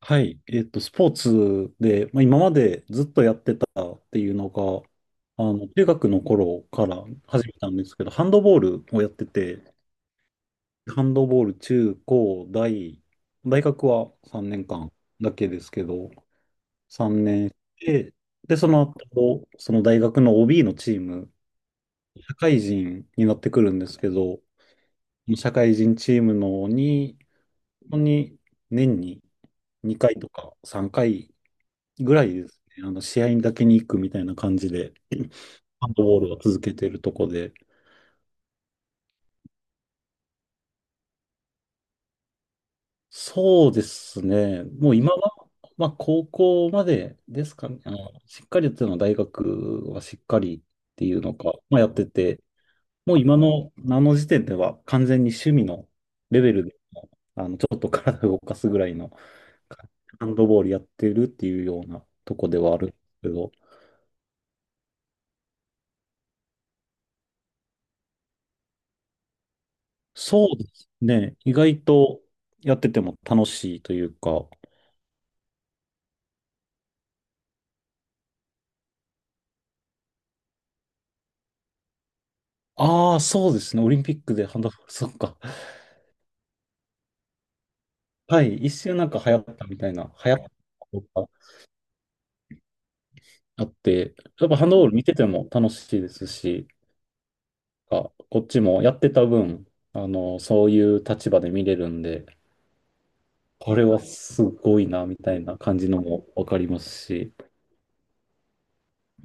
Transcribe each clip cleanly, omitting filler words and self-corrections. はい。スポーツで、まあ、今までずっとやってたっていうのが、中学の頃から始めたんですけど、ハンドボールをやってて、ハンドボール中高大、大学は3年間だけですけど、3年で、で、その後、その大学の OB のチーム、社会人になってくるんですけど、社会人チームのに、本当に年に2回とか3回ぐらいですね。試合にだけに行くみたいな感じで、ハンドボールを続けてるとこで。そうですね。もう今は、まあ、高校までですかね。しっかりやってたのは大学はしっかりっていうのか、まあ、やってて、もう今の、あの時点では完全に趣味のレベルでも、ちょっと体を動かすぐらいの、ハンドボールやってるっていうようなとこではあるんですけど、そうですね。意外とやってても楽しいというか。ああ、そうですね。オリンピックでハンドボール、そっか。はい。一瞬なんか流行ったみたいな、流行ったことがあって、やっぱハンドボール見てても楽しいですし、あ、こっちもやってた分、そういう立場で見れるんで、これはすごいな、みたいな感じのもわかりますし、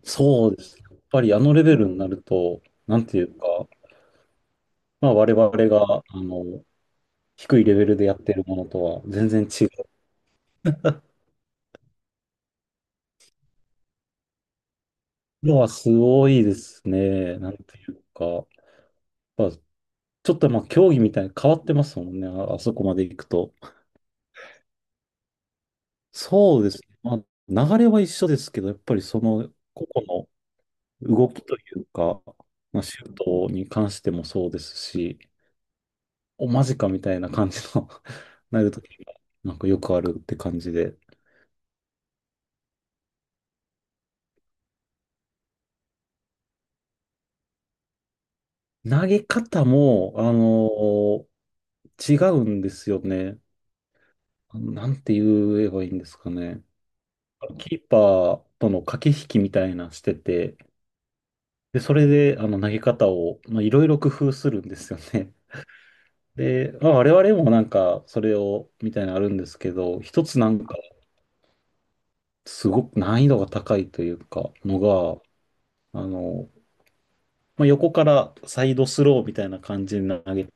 そうです。やっぱりあのレベルになると、なんていうか、まあ、我々があの低いレベルでやってるものとは全然違う。のはすごいですね。なんていうか。まあ、ちょっとまあ競技みたいに変わってますもんね。あ、あそこまで行くと。そうですね。まあ、流れは一緒ですけど、やっぱりその個々の動きというか、まあ、シュートに関してもそうですし、おマジかみたいな感じの なるときが、なんかよくあるって感じで。投げ方も、違うんですよね。なんて言えばいいんですかね。キーパーとの駆け引きみたいなしてて、で、それで、投げ方を、まあ、いろいろ工夫するんですよね。で、まあ、我々もなんか、それを、みたいなのあるんですけど、一つなんか、すごく難易度が高いというか、のが、あの、まあ、横からサイドスローみたいな感じに投げて、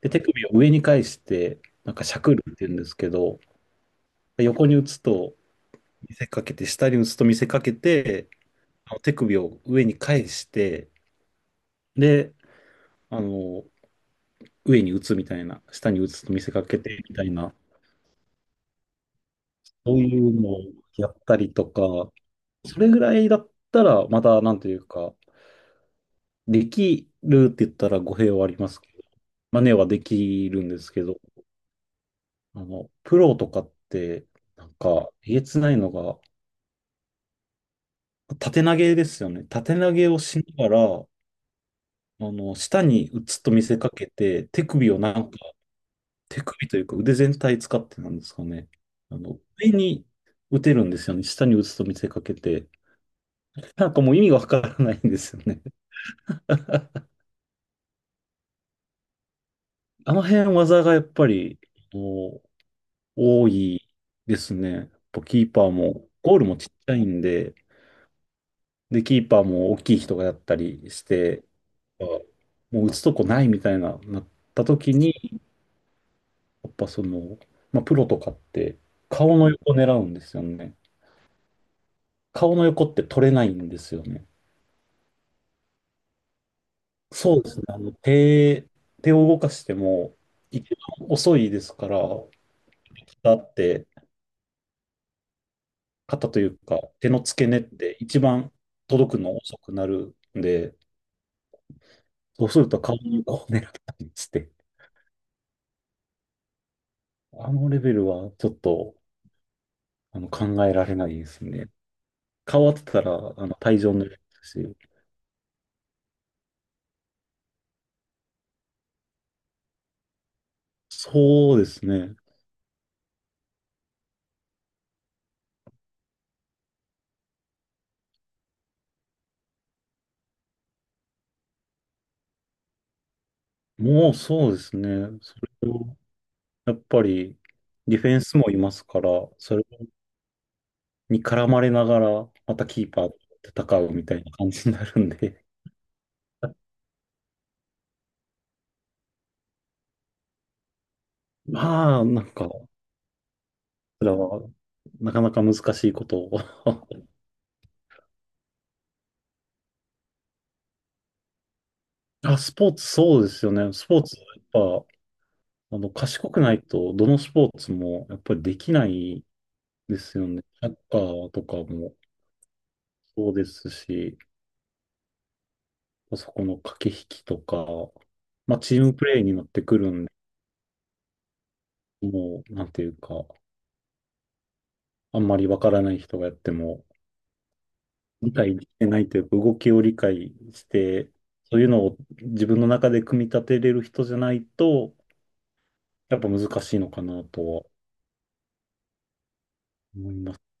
で、手首を上に返して、なんかしゃくるって言うんですけど、横に打つと見せかけて、下に打つと見せかけて、あの手首を上に返して、で、あの、上に打つみたいな、下に打つと見せかけてみたいな、そういうのをやったりとか、それぐらいだったら、また、なんというか、できるって言ったら語弊はありますけど、真似はできるんですけど、プロとかって、なんか、えげつないのが、縦投げですよね。縦投げをしながら、下に打つと見せかけて、手首を何手首というか腕全体使ってなんですかね。上に打てるんですよね。下に打つと見せかけて。なんかもう意味がわからないんですよね。あの辺技がやっぱり、もう多いですね。やっぱキーパーも、ゴールもちっちゃいんで、で、キーパーも大きい人がやったりして、あもう打つとこないみたいな、なった時に、やっぱその、まあ、プロとかって顔の横狙うんですよね。顔の横って取れないんですよね。そうですね。手を動かしても、一番遅いですから、肩って、肩というか、手の付け根って一番届くの遅くなるんで、そうすると顔にこう狙ったりして、あのレベルはちょっと、考えられないですね。顔当てたら、退場になりますし、そうですね。もうそうですね。それを、やっぱり、ディフェンスもいますから、それに絡まれながら、またキーパーと戦うみたいな感じになるんで、まあ、なんか、こちらは、なかなか難しいことを あ、スポーツ、そうですよね。スポーツ、やっぱ、賢くないと、どのスポーツも、やっぱりできないですよね。サッカーとかもそうですし、そこの駆け引きとか、まあ、チームプレーになってくるんで、もう、なんていうか、あんまりわからない人がやっても、理解してないというか、動きを理解して、そういうのを自分の中で組み立てれる人じゃないと、やっぱ難しいのかなとは思います。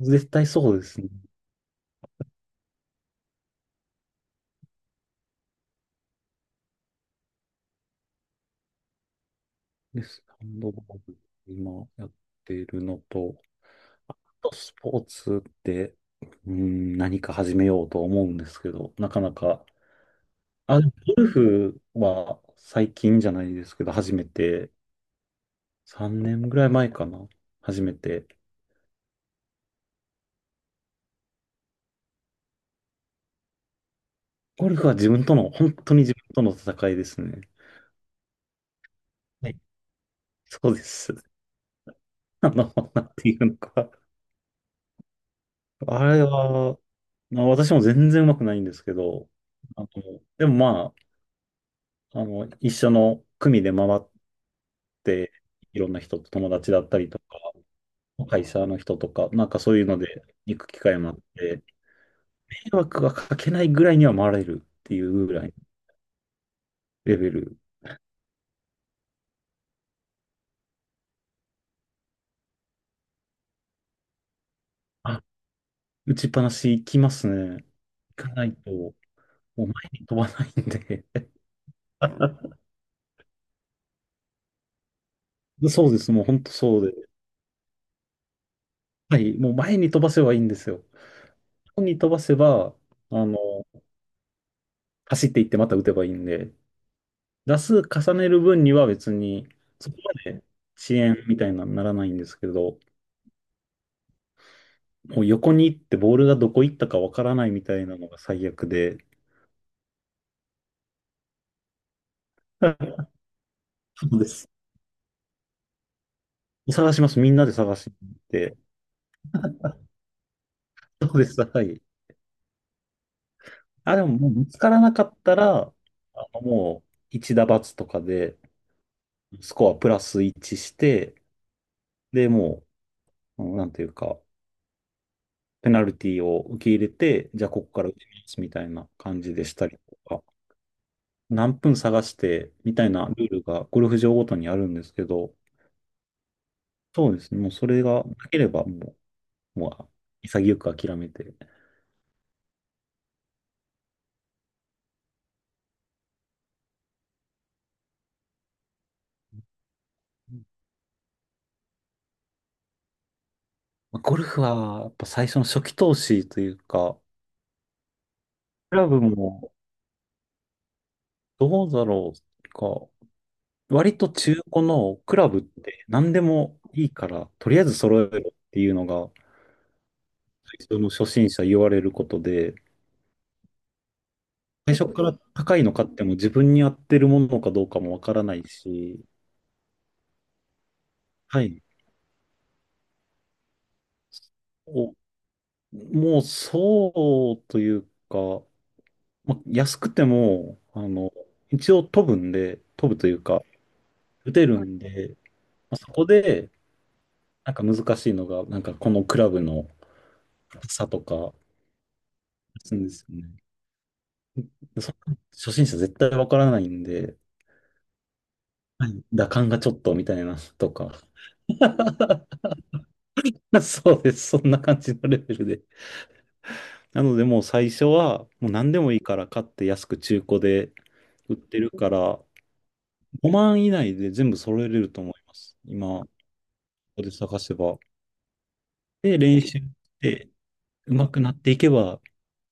絶対そうですね。です。ハンドボール、今やっているのと、あとスポーツって、うん、何か始めようと思うんですけど、なかなか、あ、ゴルフは最近じゃないですけど、初めて、3年ぐらい前かな、初めてゴルフは自分との、本当に自分との戦いですね。はいそうです。なんていうのか。あれは、まあ、私も全然上手くないんですけど、あの、でもまあ、一緒の組で回って、いろんな人と友達だったりとか、会社の人とか、なんかそういうので行く機会もあって、迷惑がかけないぐらいには回れるっていうぐらいのレベル。あ、打ちっぱなし行きますね。行かないと、もう前に飛ばないんで。そうです。もう本当そうで。はい。もう前に飛ばせばいいんですよ。前に飛ばせば、あの、走っていってまた打てばいいんで、打数重ねる分には別に、そこまで遅延みたいなのにならないんですけど、もう横に行ってボールがどこ行ったかわからないみたいなのが最悪で、そうです。探します。みんなで探して。そうです。はい。あ、でも、もう見つからなかったら、もう、一打罰とかで、スコアプラス1して、で、もう、うんなんていうか、ペナルティを受け入れて、じゃあここから打ちますみたいな感じでしたりとか、何分探してみたいなルールがゴルフ場ごとにあるんですけど、そうですね、もうそれがなければもう潔く諦めて。まあゴルフはやっぱ最初の初期投資というか、クラブもどうだろうか、割と中古のクラブって何でもいいから、とりあえず揃えろっていうのが、最初の初心者言われることで、最初から高いの買っても自分に合ってるものかどうかもわからないし、はい。お、もうそうというか、ま、安くても、一応飛ぶんで、飛ぶというか、打てるんで、ま、そこで、なんか難しいのが、なんかこのクラブの差とか、するんですよね。でそ初心者絶対わからないんで、はい、打感がちょっとみたいなとか、そうです。そんな感じのレベルで。なのでもう最初はもう何でもいいから買って安く中古で売ってるから5万以内で全部揃えれると思います。今、ここで探せば。で、練習して上手くなっていけば、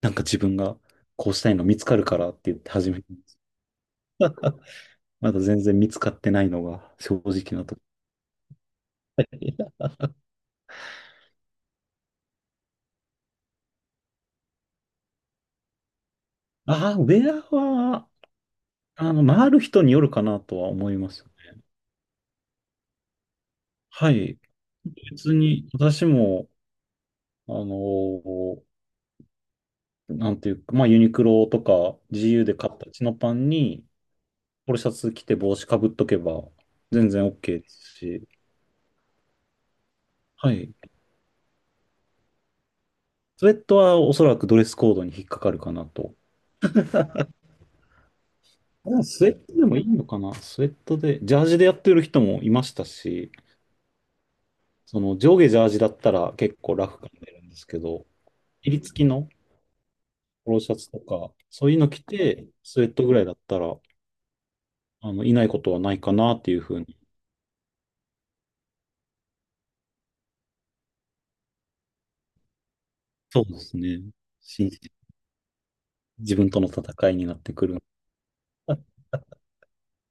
なんか自分がこうしたいの見つかるからって言って始めたんです。まだ全然見つかってないのが正直なところ。ああ、ウェアは、回る人によるかなとは思いますね。はい。別に私も、あのーなんていうか、まあユニクロとか GU で買ったチノパンに、ポロシャツ着て帽子かぶっとけば全然 OK ですし、はい。スウェットはおそらくドレスコードに引っかかるかなと。でもスウェットでもいいのかなスウェットで、ジャージでやってる人もいましたし、その上下ジャージだったら結構ラフ感出るんですけど、襟付きのポロシャツとか、そういうの着て、スウェットぐらいだったら、いないことはないかなっていうふうに。そうですね。信じ自分との戦いになってくる